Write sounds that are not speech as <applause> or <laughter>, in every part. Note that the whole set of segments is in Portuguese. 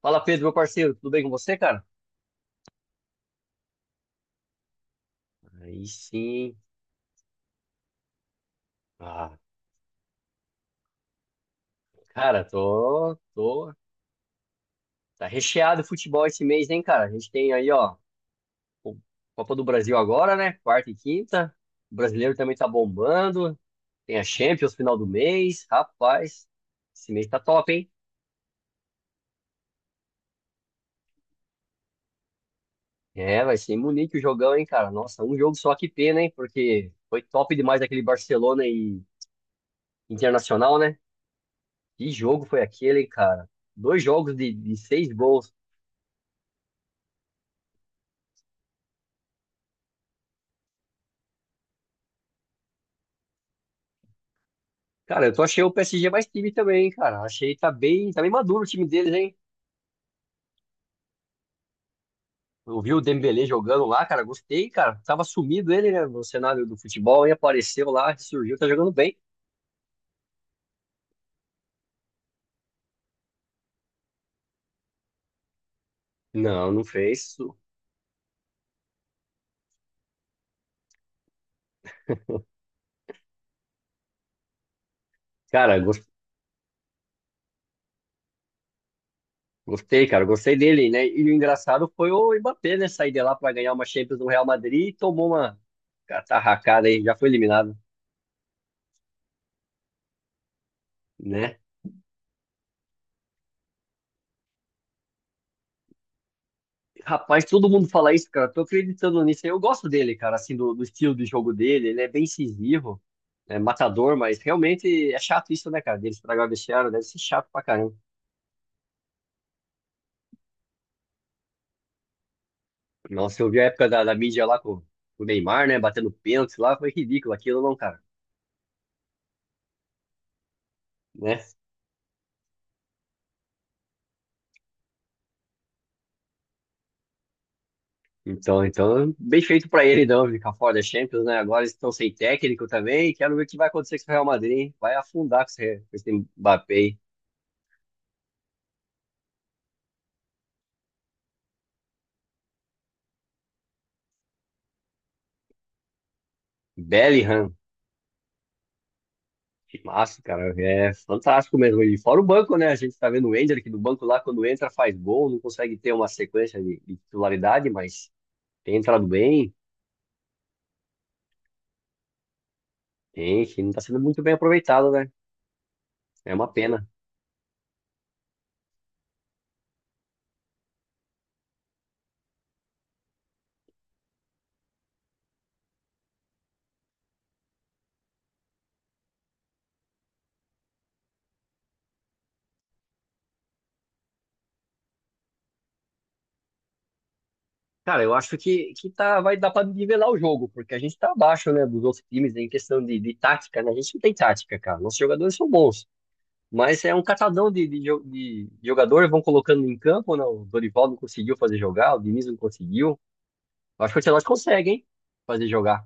Fala, Pedro, meu parceiro, tudo bem com você, cara? Aí sim. Ah, cara, tô. Tá recheado o futebol esse mês, hein, cara? A gente tem aí, ó, o Copa do Brasil agora, né? Quarta e quinta. O brasileiro também tá bombando. Tem a Champions final do mês. Rapaz, esse mês tá top, hein? É, vai ser em Munique o jogão, hein, cara? Nossa, um jogo só, que pena, hein? Porque foi top demais aquele Barcelona e Internacional, né? Que jogo foi aquele, hein, cara? Dois jogos de seis gols. Cara, eu tô achei o PSG mais time também, cara. Achei tá bem maduro o time deles, hein? Eu vi o Dembélé jogando lá, cara, gostei, cara. Tava sumido ele, né, no cenário do futebol e apareceu lá, surgiu, tá jogando bem. Não, não fez. Isso. Cara, gostei, cara, gostei dele, né? E o engraçado foi o Mbappé, né, sair de lá pra ganhar uma Champions no Real Madrid e tomou uma catarracada aí, já foi eliminado, né? Rapaz, todo mundo fala isso, cara. Tô acreditando nisso aí. Eu gosto dele, cara, assim, do estilo de jogo dele. Ele é bem incisivo, é matador, mas realmente é chato isso, né, cara? Dele estragar o vestiário, deve ser chato pra caramba. Nossa, eu vi a época da mídia lá com o Neymar, né, batendo pênalti lá, foi ridículo aquilo, não, cara, né? Então, então, bem feito pra ele, não, ficar fora da Champions, né? Agora eles estão sem técnico também. Quero ver o que vai acontecer com o Real Madrid, hein? Vai afundar com esse Mbappé, aí. Bellingham. Que massa, cara. É fantástico mesmo. E fora o banco, né? A gente tá vendo o Ender que do banco lá, quando entra, faz gol, não consegue ter uma sequência de titularidade, mas tem entrado bem, tem, que não tá sendo muito bem aproveitado, né? É uma pena. Cara, eu acho que tá, vai dar pra nivelar o jogo, porque a gente tá abaixo, né, dos outros times em questão de tática, né? A gente não tem tática, cara. Nossos jogadores são bons. Mas é um catadão de jogador, vão colocando em campo, né? O Dorival não conseguiu fazer jogar, o Diniz não conseguiu. Eu acho que o Ancelotti consegue, hein? Fazer jogar.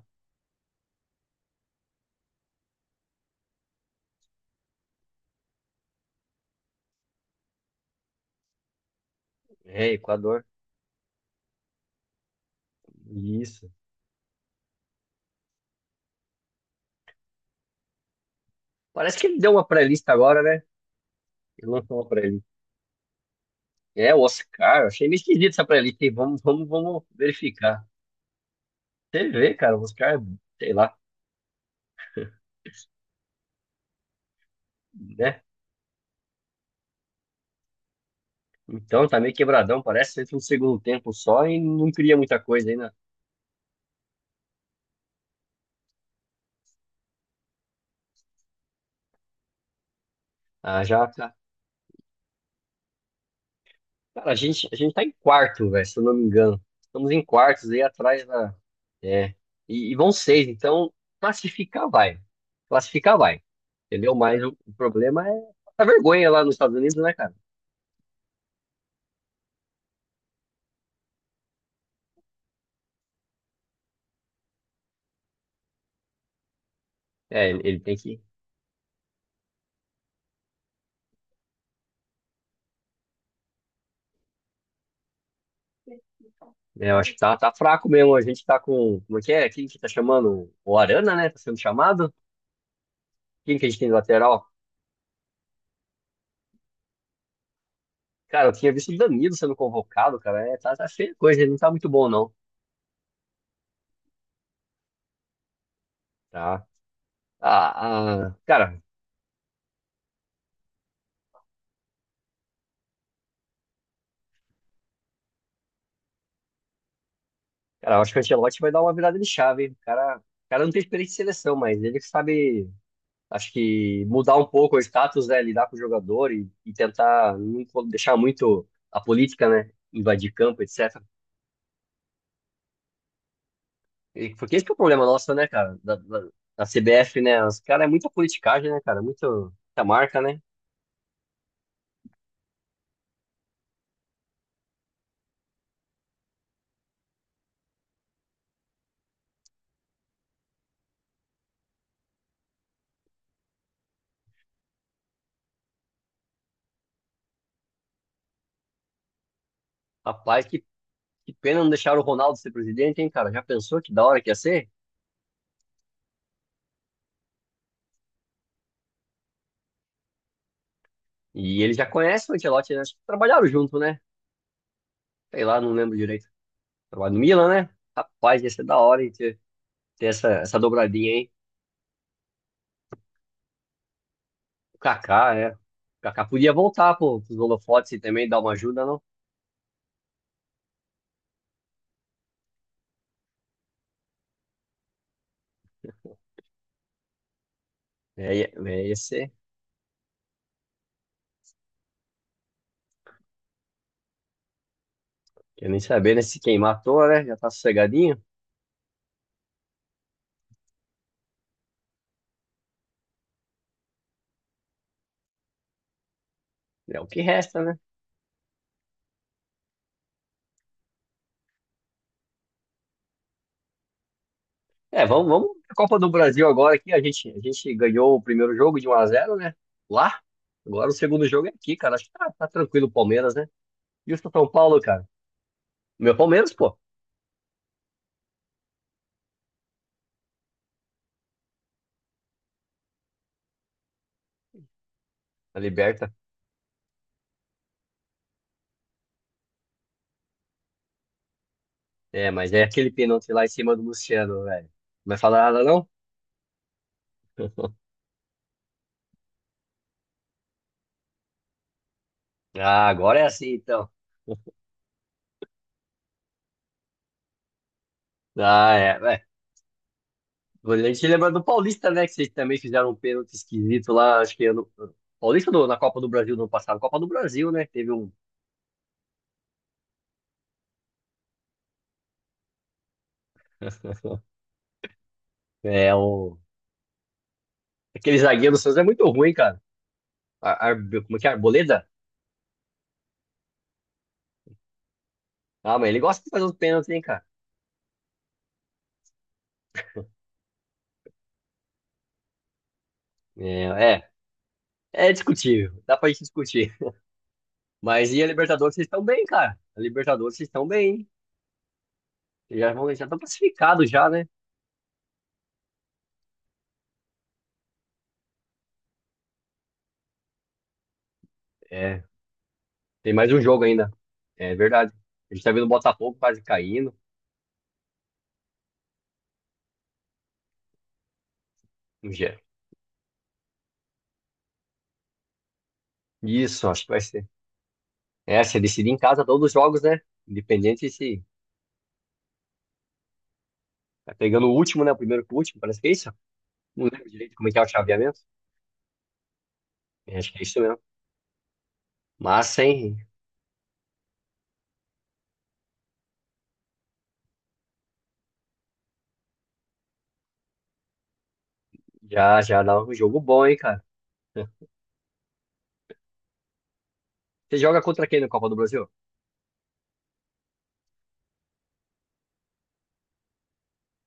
É, Equador. Isso. Parece que ele deu uma playlist agora, né? Ele lançou uma playlist. É, o Oscar. Achei meio esquisito essa playlist, hein? Vamos, vamos, vamos verificar. Você vê, cara, o Oscar, sei lá, né? Então, tá meio quebradão. Parece que entra um segundo tempo só e não cria muita coisa ainda. Ah, já. Cara, a gente tá em quarto, velho, se eu não me engano. Estamos em quartos aí atrás da. É. E, e vão seis, então classificar vai. Classificar vai. Entendeu? Mas o problema é a vergonha lá nos Estados Unidos, né, cara? É, ele tem que. Né, eu acho que tá, tá fraco mesmo. A gente tá com. Como é que é? Quem que tá chamando? O Arana, né? Tá sendo chamado? Quem que a gente tem de lateral? Cara, eu tinha visto o Danilo sendo convocado, cara. É, tá, tá feia a coisa, ele não tá muito bom, não. Tá. Ah, ah, cara, cara, eu acho que o Ancelotti vai dar uma virada de chave, hein? O cara não tem experiência de seleção, mas ele sabe, acho que mudar um pouco o status, né? Lidar com o jogador e tentar não deixar muito a política, né? Invadir campo, etc. E porque esse que é o problema nosso, né, cara? Da CBF, né? Os caras é muita politicagem, né, cara? Muito, muita marca, né? Rapaz, que pena não deixar o Ronaldo ser presidente, hein, cara? Já pensou que da hora que ia ser? E ele já conhece o Ancelotti, né? Acho que trabalharam junto, né? Sei lá, não lembro direito. Trabalho no Milan, né? Rapaz, ia ser da hora, hein, ter, ter essa, essa dobradinha, hein? O Kaká, é. O Kaká podia voltar, pô, pros holofotes e também dar uma ajuda, não? É, ia ser. Quer nem saber, né? Se quem matou, né? Já tá sossegadinho. É o que resta, né? É, vamos, vamos pra Copa do Brasil agora aqui. A gente ganhou o primeiro jogo de um a zero, né? Lá. Agora o segundo jogo é aqui, cara. Acho que tá, tá tranquilo o Palmeiras, né? E o São Paulo, cara? Meu Palmeiras, pô. A liberta. É, mas é aquele pênalti lá em cima do Luciano, velho. Não vai falar nada, não? <laughs> Ah, agora é assim, então. Ah, é. É. A gente lembra do Paulista, né? Que vocês também fizeram um pênalti esquisito lá, acho que ano... Paulista ou na Copa do Brasil no ano passado, Copa do Brasil, né? Teve um. <laughs> É, o... Aquele zagueiro do Santos é muito ruim, cara. Ar... Ar- Como é que é? Arboleda? Ah, mas ele gosta de fazer os pênaltis, hein, cara? É, é. É discutível. Dá pra gente discutir. Mas e a Libertadores, vocês estão bem, cara. A Libertadores, vocês estão bem, hein? Vocês já vão, já estão classificados já, né? É. Tem mais um jogo ainda. É verdade. A gente tá vendo o Botafogo quase caindo. Um dia. Isso, acho que vai ser. É, se decidir em casa todos os jogos, né? Independente se tá pegando o último, né? O primeiro com o último, parece que é isso. Não lembro direito como é que é o chaveamento. É, acho que é isso mesmo. Mas, hein? Já, já dá um jogo bom, hein, cara? Você joga contra quem no Copa do Brasil?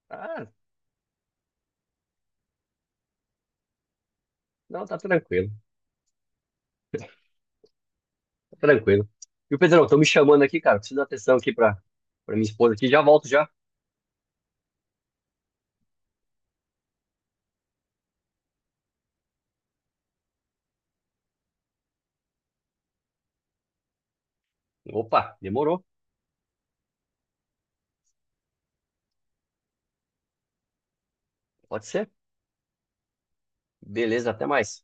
Ah, não, tá tranquilo. Tá tranquilo. E o Pedrão, estão me chamando aqui, cara. Preciso dar atenção aqui pra, pra minha esposa aqui. Já volto já. Opa, demorou. Pode ser? Beleza, até mais.